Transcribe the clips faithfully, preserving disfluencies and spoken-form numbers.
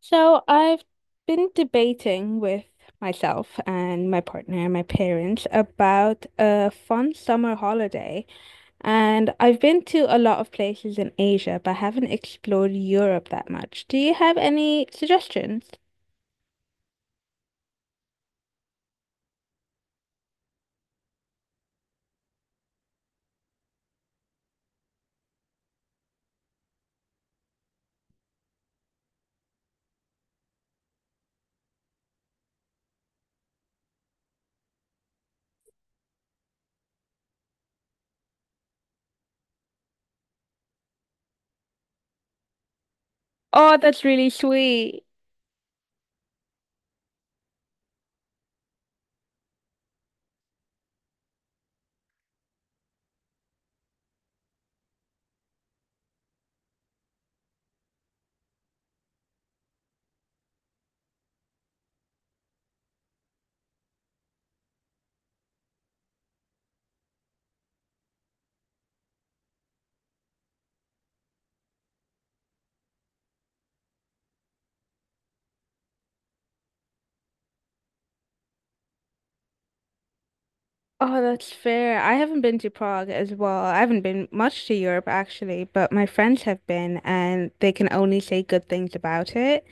So I've been debating with myself and my partner and my parents about a fun summer holiday. And I've been to a lot of places in Asia, but haven't explored Europe that much. Do you have any suggestions? Oh, that's really sweet. Oh, that's fair. I haven't been to Prague as well. I haven't been much to Europe actually, but my friends have been and they can only say good things about it.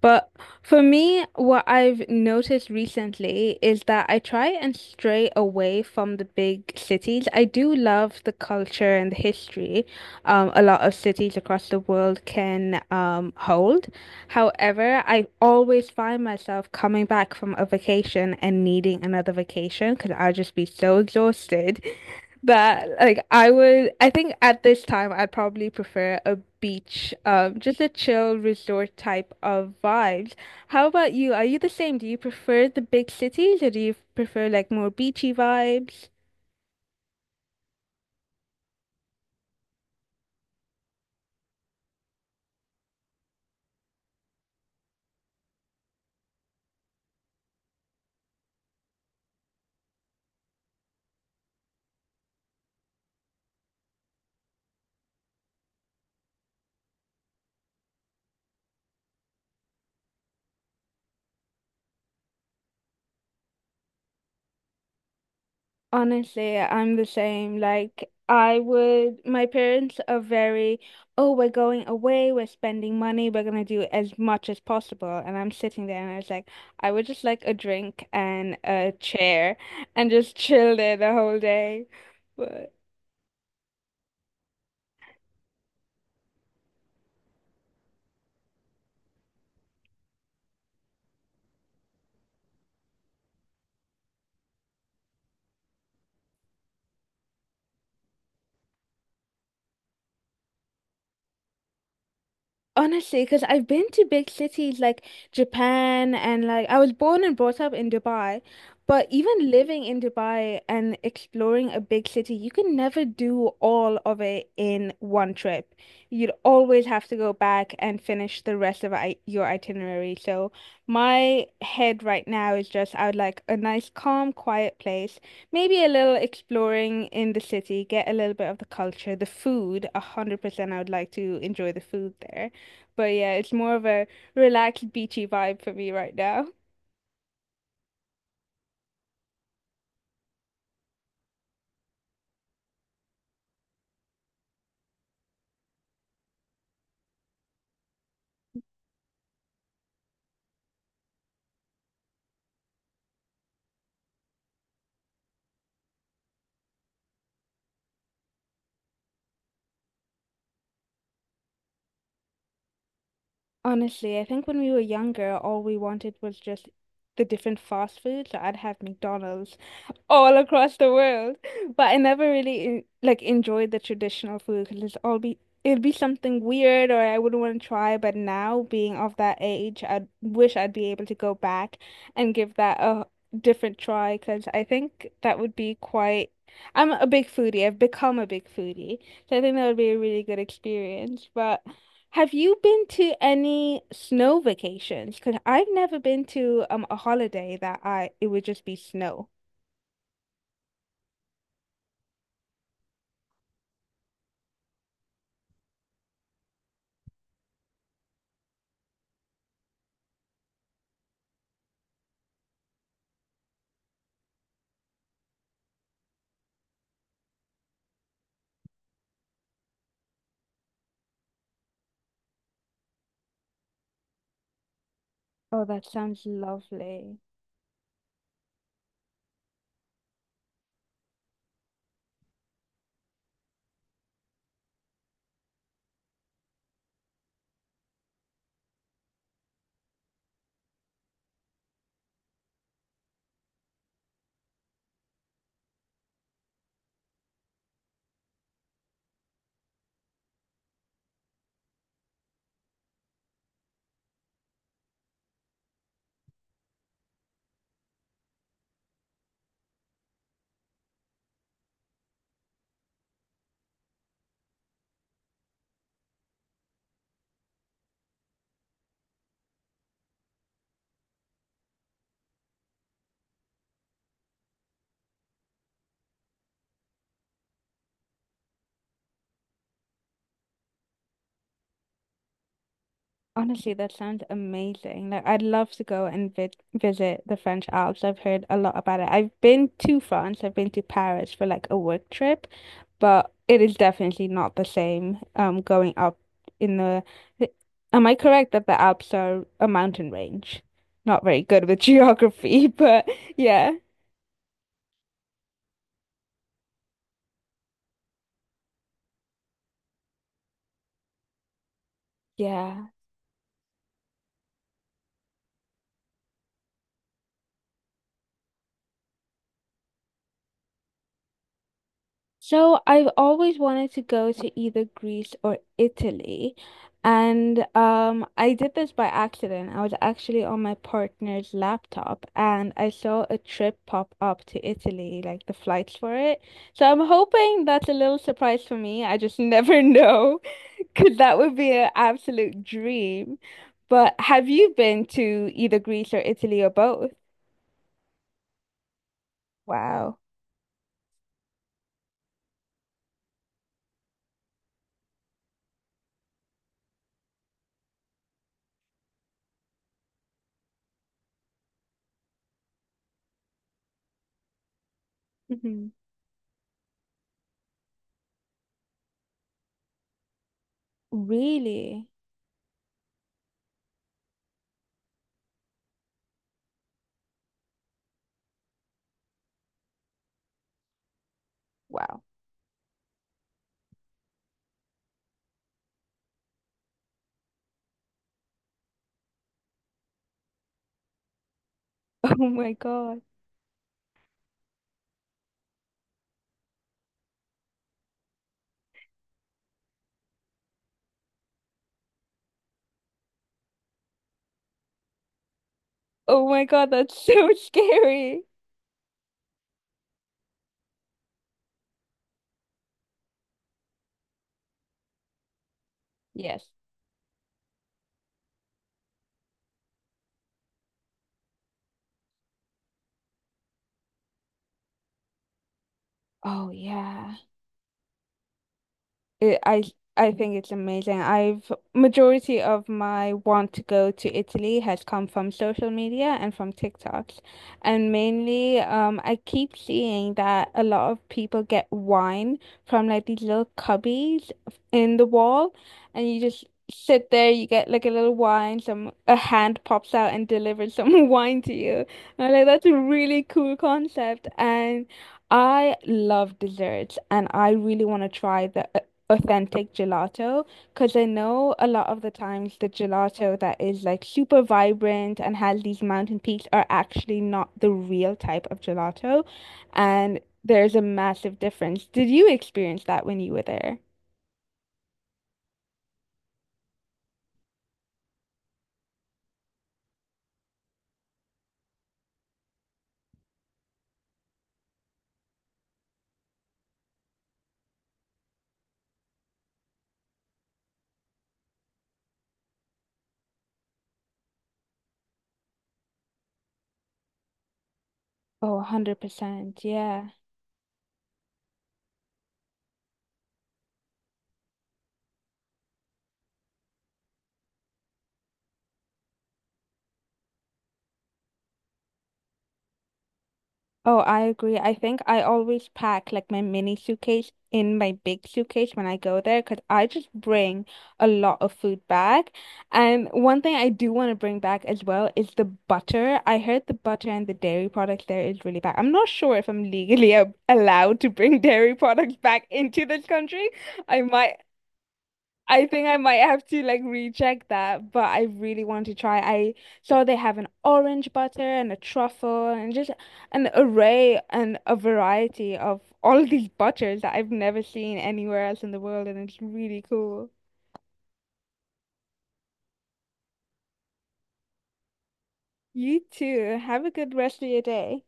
But for me, what I've noticed recently is that I try and stray away from the big cities. I do love the culture and the history um, a lot of cities across the world can um, hold. However, I always find myself coming back from a vacation and needing another vacation because I'll just be so exhausted, but like I would, I think at this time I'd probably prefer a beach, um, just a chill resort type of vibes. How about you? Are you the same? Do you prefer the big cities or do you prefer like more beachy vibes? Honestly, I'm the same. Like, I would, my parents are very, oh, we're going away, we're spending money, we're gonna do as much as possible. And I'm sitting there and I was like, I would just like a drink and a chair and just chill there the whole day. Honestly, because I've been to big cities like Japan and like I was born and brought up in Dubai, but even living in Dubai and exploring a big city, you can never do all of it in one trip. You'd always have to go back and finish the rest of I your itinerary. So my head right now is just I would like a nice, calm, quiet place, maybe a little exploring in the city, get a little bit of the culture, the food, one hundred percent I would like to enjoy the food there. But yeah, it's more of a relaxed, beachy vibe for me right now. Honestly, I think when we were younger, all we wanted was just the different fast foods. So I'd have McDonald's all across the world, but I never really en- like enjoyed the traditional food because it's all be it'd be something weird or I wouldn't want to try. But now, being of that age, I wish I'd be able to go back and give that a different try because I think that would be quite. I'm a big foodie. I've become a big foodie, so I think that would be a really good experience. But have you been to any snow vacations? Because I've never been to um a holiday that I it would just be snow. Oh, that sounds lovely. Honestly, that sounds amazing. Like I'd love to go and vi visit the French Alps. I've heard a lot about it. I've been to France. I've been to Paris for like a work trip, but it is definitely not the same um going up in the the- Am I correct that the Alps are a mountain range? Not very good with geography, but yeah. Yeah. So I've always wanted to go to either Greece or Italy. And um, I did this by accident. I was actually on my partner's laptop and I saw a trip pop up to Italy, like the flights for it. So I'm hoping that's a little surprise for me. I just never know because that would be an absolute dream. But have you been to either Greece or Italy or both? Wow. Mhm. Really? Wow. Oh my God. Oh my God, that's so scary. Yes. Oh yeah. It, I I think it's amazing. I've majority of my want to go to Italy has come from social media and from TikToks. And mainly, um, I keep seeing that a lot of people get wine from like these little cubbies in the wall, and you just sit there, you get like a little wine, some a hand pops out and delivers some wine to you. And I'm like, that's a really cool concept. And I love desserts and I really want to try the authentic gelato because I know a lot of the times the gelato that is like super vibrant and has these mountain peaks are actually not the real type of gelato. And there's a massive difference. Did you experience that when you were there? Oh, one hundred percent. Yeah. Oh, I agree. I think I always pack like my mini suitcase in my big suitcase when I go there because I just bring a lot of food back. And one thing I do want to bring back as well is the butter. I heard the butter and the dairy products there is really bad. I'm not sure if I'm legally a allowed to bring dairy products back into this country. I might I think I might have to like recheck that, but I really want to try. I saw they have an orange butter and a truffle and just an array and a variety of all of these butters that I've never seen anywhere else in the world, and it's really cool. You too. Have a good rest of your day.